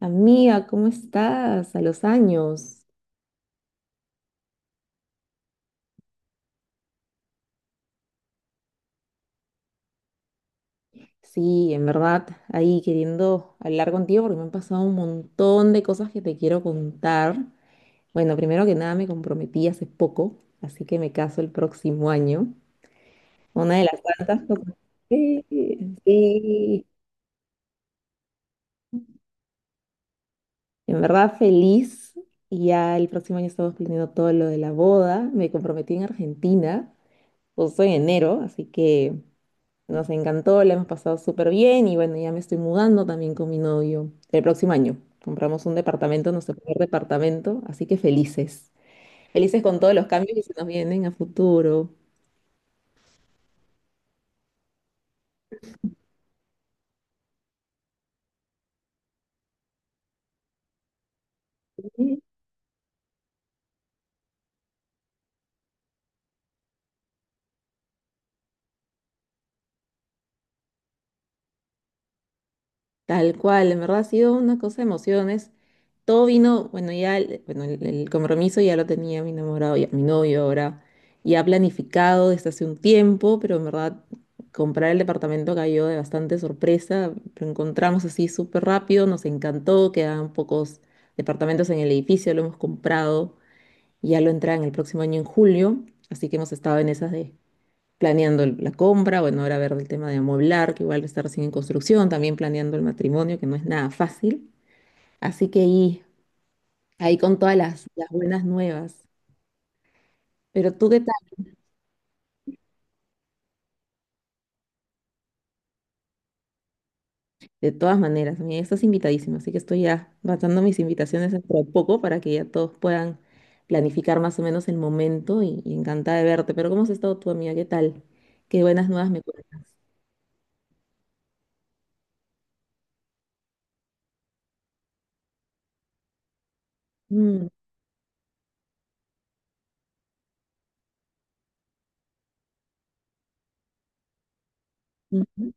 Amiga, ¿cómo estás? A los años. Sí, en verdad, ahí queriendo hablar contigo porque me han pasado un montón de cosas que te quiero contar. Bueno, primero que nada me comprometí hace poco, así que me caso el próximo año. Una de las tantas cosas. Sí, sí. En verdad feliz. Y ya el próximo año estamos planeando todo lo de la boda. Me comprometí en Argentina, justo en enero, así que... Nos encantó, la hemos pasado súper bien y bueno, ya me estoy mudando también con mi novio el próximo año. Compramos un departamento, nuestro primer departamento, así que felices. Felices con todos los cambios que se nos vienen a futuro. Sí. Tal cual, en verdad ha sido una cosa de emociones. Todo vino, bueno, ya el compromiso ya lo tenía mi enamorado, ya, mi novio ahora, ya planificado desde hace un tiempo, pero en verdad comprar el departamento cayó de bastante sorpresa, lo encontramos así súper rápido, nos encantó, quedaban pocos departamentos en el edificio, lo hemos comprado, ya lo entra en el próximo año en julio, así que hemos estado en esas de la compra. Bueno, ahora ver el tema de amueblar, que igual está recién en construcción, también planeando el matrimonio, que no es nada fácil. Así que ahí con todas las buenas nuevas. Pero tú, ¿qué tal? De todas maneras, mira, estás invitadísimo, así que estoy ya lanzando mis invitaciones dentro de poco para que ya todos puedan planificar más o menos el momento y encantada de verte. Pero ¿cómo has estado tú, amiga? ¿Qué tal? Qué buenas nuevas me cuentas. Mm, ujú.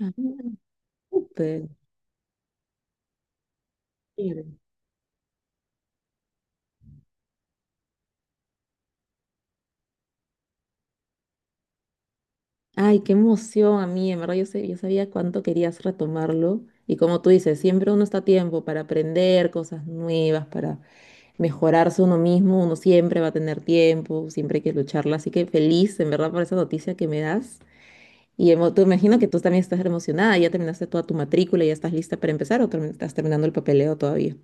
Ah, súper, chévere. Ay, qué emoción a mí, en verdad yo, sé, yo sabía cuánto querías retomarlo y como tú dices, siempre uno está a tiempo para aprender cosas nuevas, para mejorarse uno mismo, uno siempre va a tener tiempo, siempre hay que lucharla. Así que feliz, en verdad, por esa noticia que me das. Y tú imagino que tú también estás emocionada, ya terminaste toda tu matrícula, ya estás lista para empezar o estás terminando el papeleo todavía.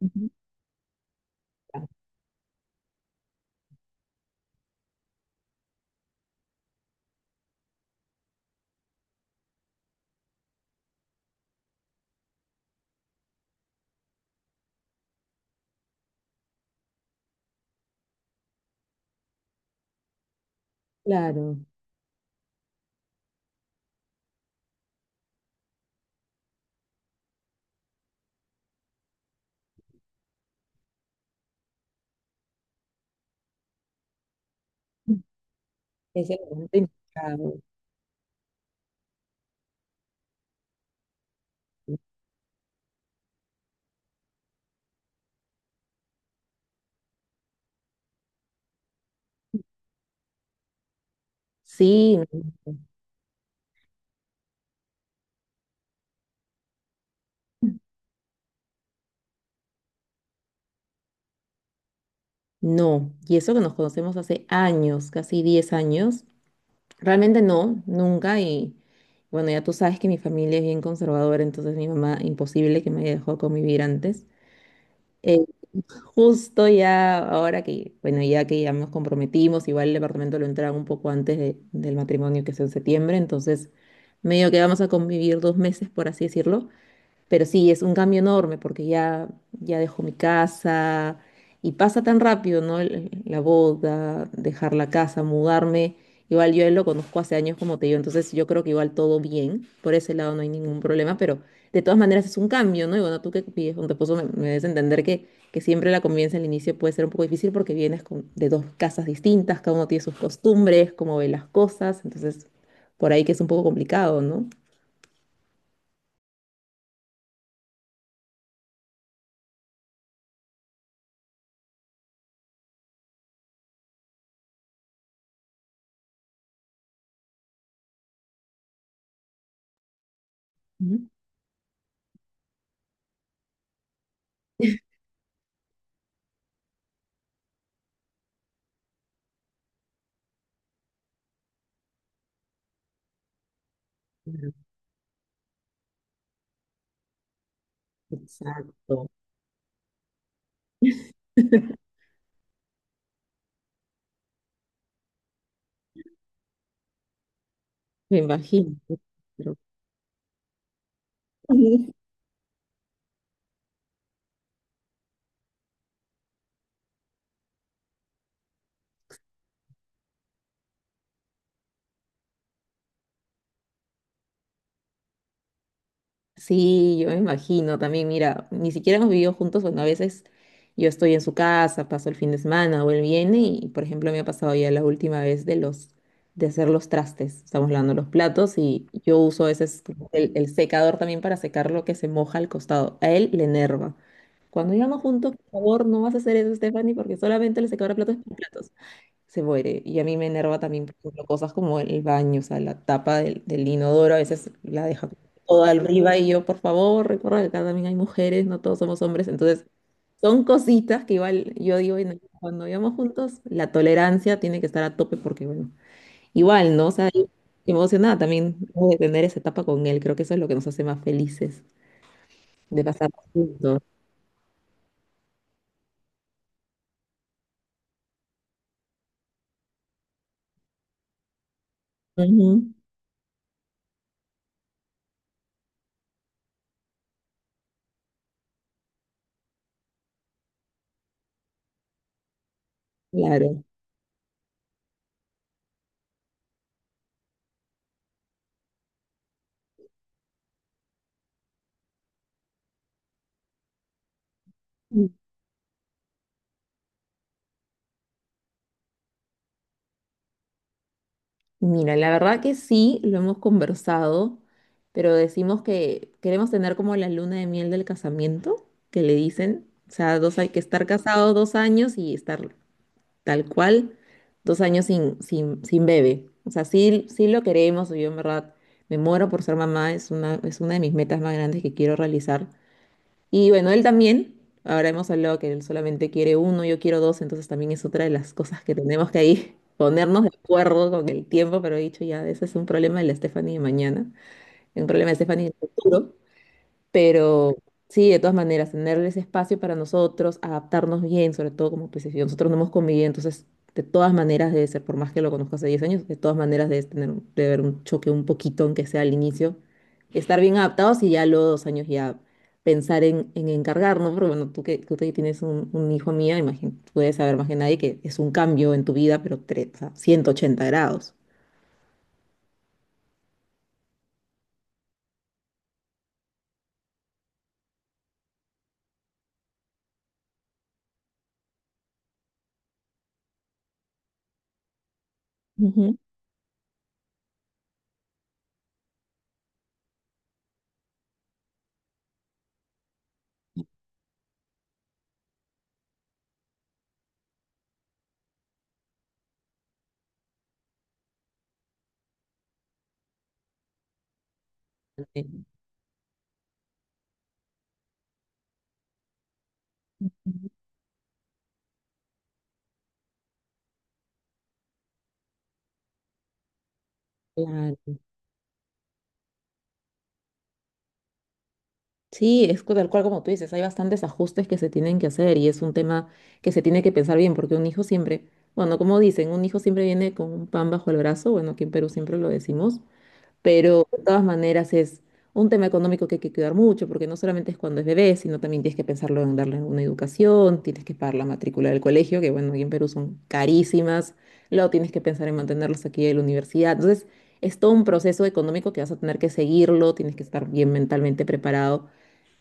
Ujú. Claro, es el momento indicado. Sí, no, y eso que nos conocemos hace años, casi 10 años, realmente no, nunca, y bueno, ya tú sabes que mi familia es bien conservadora, entonces mi mamá, imposible que me haya dejado convivir antes. Eh, Justo ya ahora que, bueno, ya que ya nos comprometimos, igual el departamento lo entraron un poco antes del matrimonio que es en septiembre, entonces medio que vamos a convivir 2 meses, por así decirlo. Pero sí, es un cambio enorme porque ya dejo mi casa y pasa tan rápido, ¿no? La boda, dejar la casa, mudarme. Igual yo a él lo conozco hace años como te digo, entonces yo creo que igual todo bien, por ese lado no hay ningún problema, pero de todas maneras es un cambio, ¿no? Y bueno, tú que vives con tu esposo me debes entender que siempre la convivencia al inicio puede ser un poco difícil porque vienes de dos casas distintas, cada uno tiene sus costumbres, cómo ve las cosas, entonces por ahí que es un poco complicado, ¿no? Ujú. Claro, exacto. Me imagino. Pero... Sí, yo me imagino también. Mira, ni siquiera hemos vivido juntos. Bueno, a veces yo estoy en su casa, paso el fin de semana o él viene y, por ejemplo, me ha pasado ya la última vez de los de hacer los trastes. Estamos lavando los platos y yo uso a veces como el secador también para secar lo que se moja al costado. A él le enerva. Cuando llegamos juntos, por favor, no vas a hacer eso, Stephanie, porque solamente el secador de platos es para platos. Se muere. Y a mí me enerva también, por ejemplo, cosas como el baño, o sea, la tapa del inodoro a veces la deja toda arriba y yo, por favor, recuerda que acá también hay mujeres, no todos somos hombres. Entonces, son cositas que igual yo digo, "Bueno, cuando vivamos juntos, la tolerancia tiene que estar a tope porque, bueno, igual, ¿no?". O sea, yo emocionada también de tener esa etapa con él. Creo que eso es lo que nos hace más felices, de pasar juntos. Ujú, claro. Mira, la verdad que sí, lo hemos conversado, pero decimos que queremos tener como la luna de miel del casamiento, que le dicen, o sea, dos, hay que estar casados 2 años y estar tal cual, 2 años sin bebé. O sea, sí, sí lo queremos, yo en verdad me muero por ser mamá, es una de mis metas más grandes que quiero realizar. Y bueno, él también, ahora hemos hablado que él solamente quiere uno, yo quiero dos, entonces también es otra de las cosas que tenemos que ahí ponernos de acuerdo con el tiempo, pero he dicho ya, ese es un problema de la Stephanie de mañana, un problema de Stephanie del futuro. Pero sí, de todas maneras, tenerles espacio para nosotros, adaptarnos bien, sobre todo como pues, si nosotros no hemos convivido, entonces de todas maneras debe ser, por más que lo conozco hace 10 años, de todas maneras debe tener, debe haber un choque un poquito, aunque sea al inicio, estar bien adaptados y ya a los 2 años ya pensar en encargarnos, porque bueno, tú que tienes un hijo mía, imagínate, tú debes saber más que nadie que es un cambio en tu vida, pero o sea, 180 grados. Ujú. Eh, Ujú. Sí, es tal cual como tú dices, hay bastantes ajustes que se tienen que hacer y es un tema que se tiene que pensar bien, porque un hijo siempre, bueno, como dicen, un hijo siempre viene con un pan bajo el brazo, bueno, aquí en Perú siempre lo decimos, pero de todas maneras es un tema económico que hay que cuidar mucho, porque no solamente es cuando es bebé, sino también tienes que pensarlo en darle una educación, tienes que pagar la matrícula del colegio, que bueno, aquí en Perú son carísimas, luego tienes que pensar en mantenerlos aquí en la universidad, entonces es todo un proceso económico que vas a tener que seguirlo, tienes que estar bien mentalmente preparado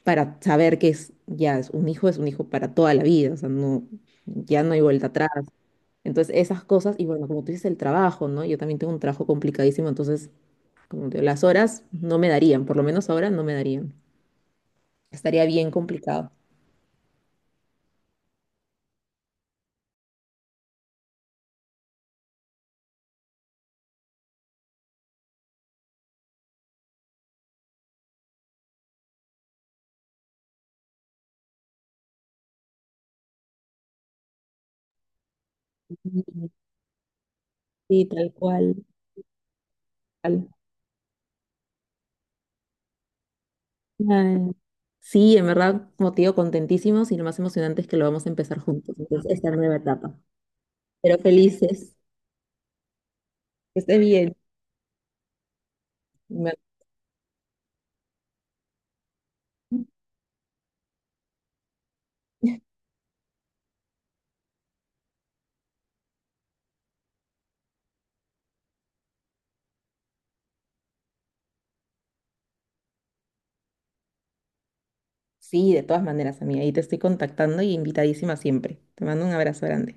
para saber que es, ya es un hijo para toda la vida, o sea, no, ya no hay vuelta atrás. Entonces, esas cosas, y bueno, como tú dices, el trabajo, ¿no? Yo también tengo un trabajo complicadísimo, entonces, como te digo, las horas no me darían, por lo menos ahora no me darían. Estaría bien complicado. Sí, sí, tal cual. Tal cual. Sí, en verdad, como te digo, contentísimos y lo más emocionante es que lo vamos a empezar juntos, entonces, esta nueva etapa. Pero felices, que esté bien. Sí, de todas maneras, amiga, ahí te estoy contactando y invitadísima siempre. Te mando un abrazo grande.